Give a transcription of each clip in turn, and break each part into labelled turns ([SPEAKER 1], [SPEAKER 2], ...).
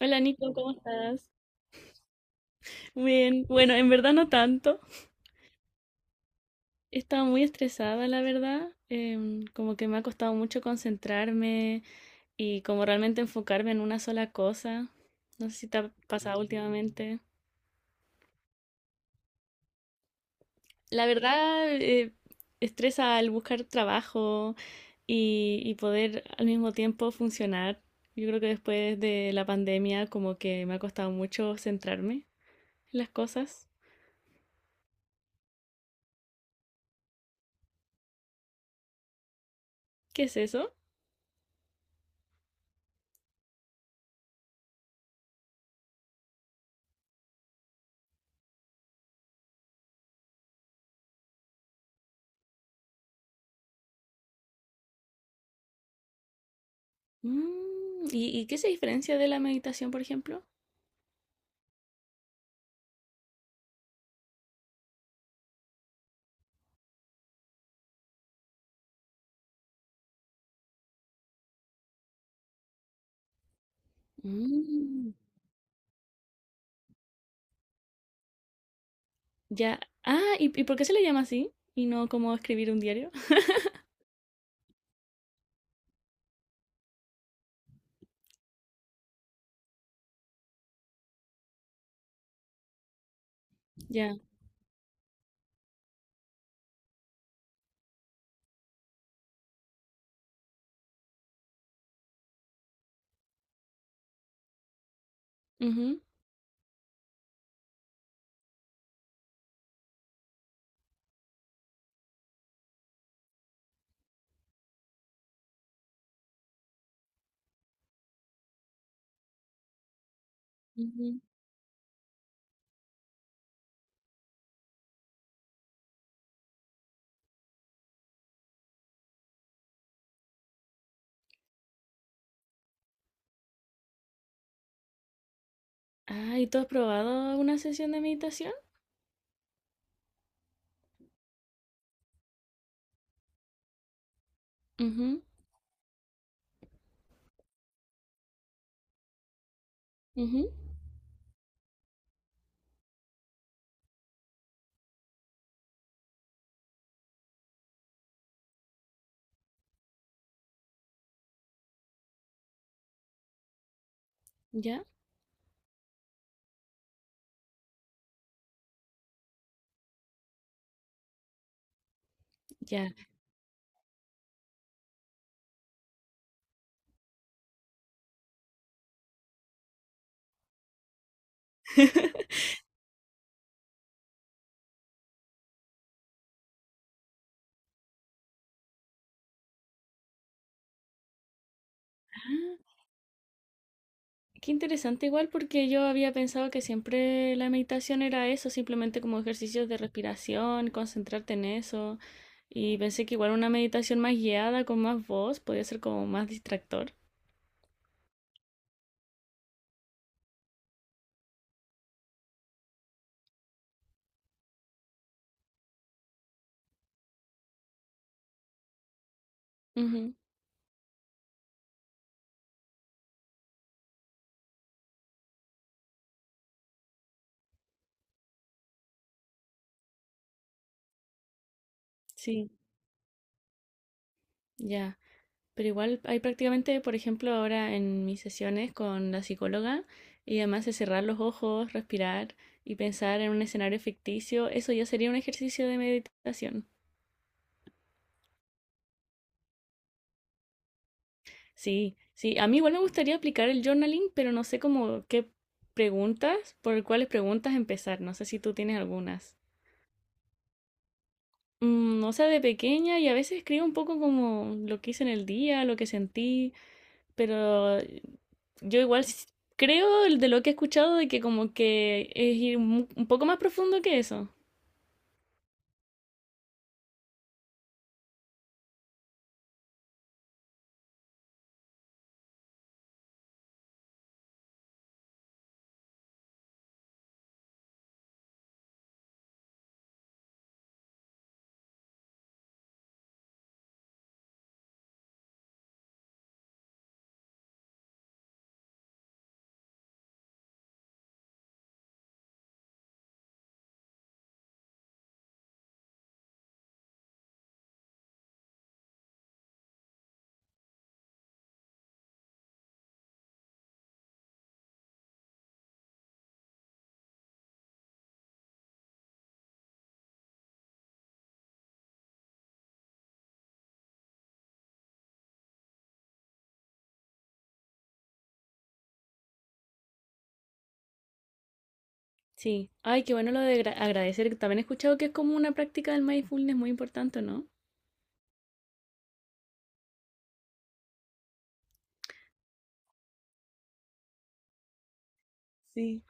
[SPEAKER 1] Hola Nico, ¿cómo estás? Muy Bien, bueno, en verdad no tanto. He estado muy estresada, la verdad. Como que me ha costado mucho concentrarme y como realmente enfocarme en una sola cosa. No sé si te ha pasado últimamente. La verdad, estresa al buscar trabajo y poder al mismo tiempo funcionar. Yo creo que después de la pandemia como que me ha costado mucho centrarme en las cosas. ¿Qué es eso? Mm, ¿y qué se diferencia de la meditación, por ejemplo? Mm, ya. Ah, ¿y por qué se le llama así? Y no como escribir un diario. Ya. Ujú, ujú. Ah, ¿y tú has probado una sesión de meditación? Ujú, ujú. Ya, ya. Ah, qué interesante igual porque yo había pensado que siempre la meditación era eso, simplemente como ejercicios de respiración, concentrarte en eso, y pensé que igual una meditación más guiada con más voz podía ser como más distractor. Ujú, sí. Ya, pero igual hay prácticamente, por ejemplo, ahora en mis sesiones con la psicóloga, y además de cerrar los ojos, respirar y pensar en un escenario ficticio, eso ya sería un ejercicio de meditación. Sí, sí, a mí igual me gustaría aplicar el journaling, pero no sé cómo qué preguntas, por cuáles preguntas empezar, no sé si tú tienes algunas. Mm, o sea, de pequeña y a veces escribo un poco como lo que hice en el día, lo que sentí, pero yo igual creo el de lo que he escuchado de que como que es ir un poco más profundo que eso. Sí. Ay, qué bueno lo de agradecer. También he escuchado que es como una práctica del mindfulness muy importante, ¿no? Sí,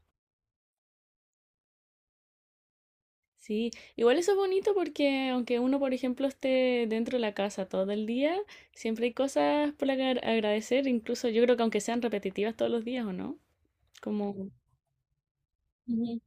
[SPEAKER 1] sí, igual eso es bonito porque aunque uno, por ejemplo, esté dentro de la casa todo el día, siempre hay cosas por agradecer, incluso yo creo que aunque sean repetitivas todos los días, ¿o no? Como... Ujú.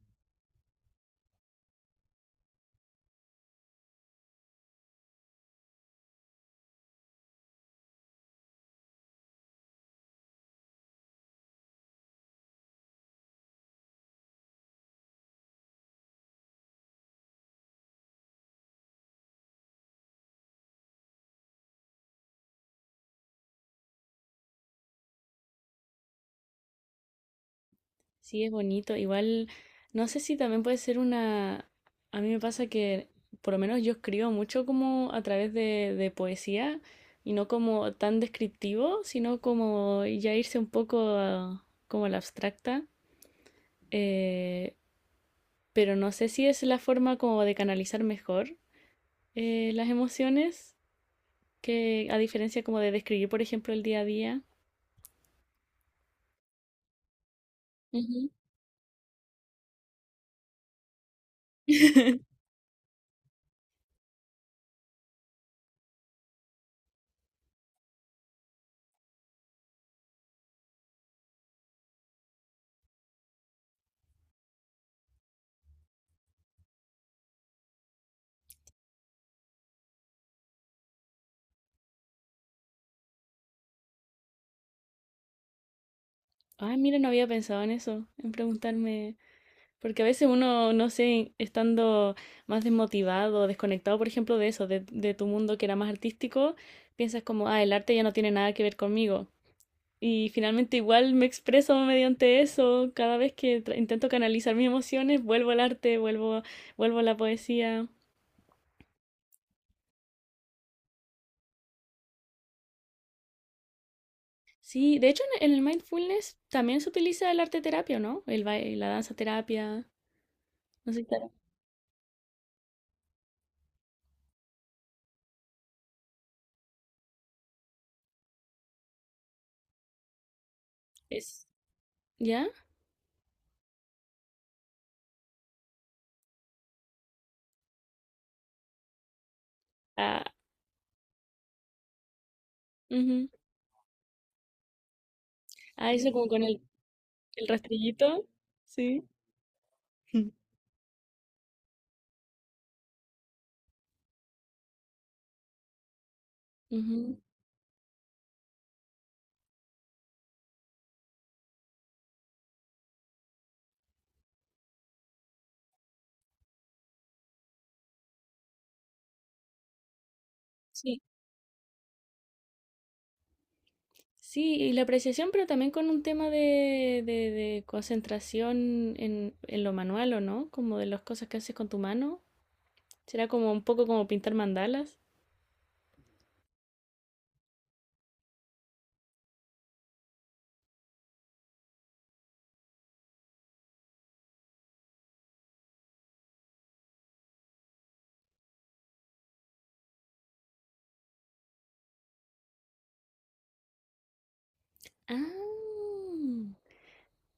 [SPEAKER 1] Sí, es bonito. Igual, no sé si también puede ser una... A mí me pasa que, por lo menos yo escribo mucho como a través de poesía y no como tan descriptivo, sino como ya irse un poco como a la abstracta. Eh, pero no sé si es la forma como de canalizar mejor las emociones, que a diferencia como de describir, por ejemplo, el día a día. Ujú. Ay, mira, no había pensado en eso, en preguntarme. Porque a veces uno, no sé, estando más desmotivado, desconectado, por ejemplo, de eso, de tu mundo que era más artístico, piensas como, ah, el arte ya no tiene nada que ver conmigo. Y finalmente igual me expreso mediante eso. Cada vez que intento canalizar mis emociones, vuelvo al arte, vuelvo, vuelvo a la poesía. Sí, de hecho en el mindfulness también se utiliza el arte terapia, ¿no? El baile, la danza terapia. No sé si claro. Es, ¿ya? Ah, ujú. Ah, eso como con el rastrillito. Sí. Ujú, sí, sí, y la apreciación, pero también con un tema de concentración en lo manual, ¿o no? Como de las cosas que haces con tu mano. Será como un poco como pintar mandalas. Ah,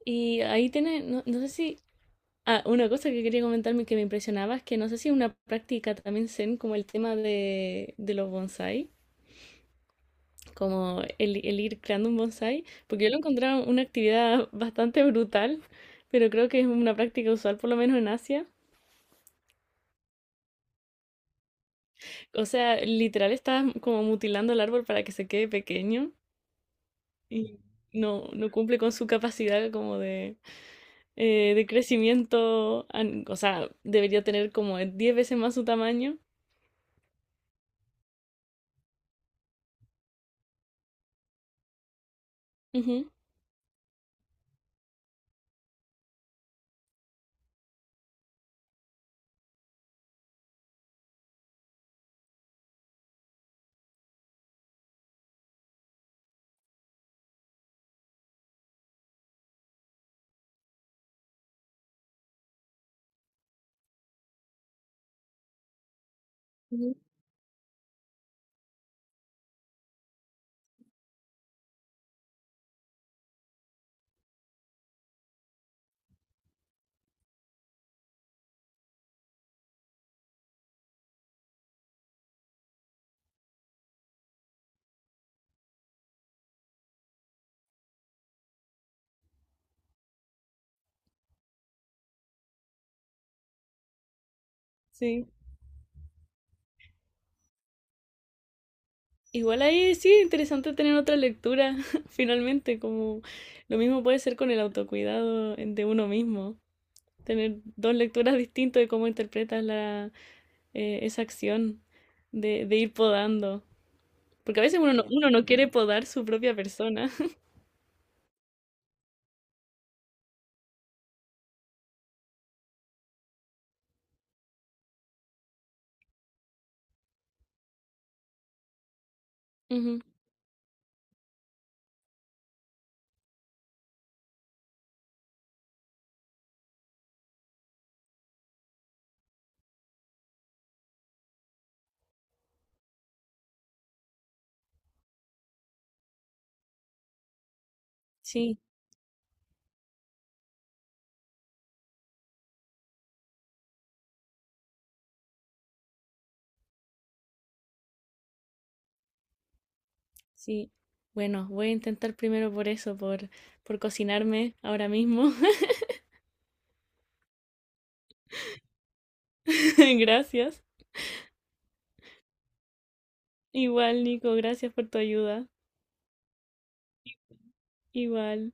[SPEAKER 1] y ahí tiene, no, no sé si... Ah, una cosa que quería comentarme que me impresionaba es que no sé si es una práctica también zen como el tema de los bonsai. Como el ir creando un bonsai, porque yo lo encontraba una actividad bastante brutal, pero creo que es una práctica usual por lo menos en Asia. O sea, literal estás como mutilando el árbol para que se quede pequeño y no, no cumple con su capacidad como de crecimiento, o sea, debería tener como 10 veces más su tamaño. Ujú, ujú, sí. Igual ahí sí, interesante tener otra lectura, finalmente, como lo mismo puede ser con el autocuidado de uno mismo. Tener dos lecturas distintas de cómo interpretas la, esa acción de ir podando. Porque a veces uno no quiere podar su propia persona. Ujú, sí, sí. Bueno, voy a intentar primero por eso, por cocinarme ahora mismo. Gracias. Igual, Nico, gracias por tu ayuda. Igual.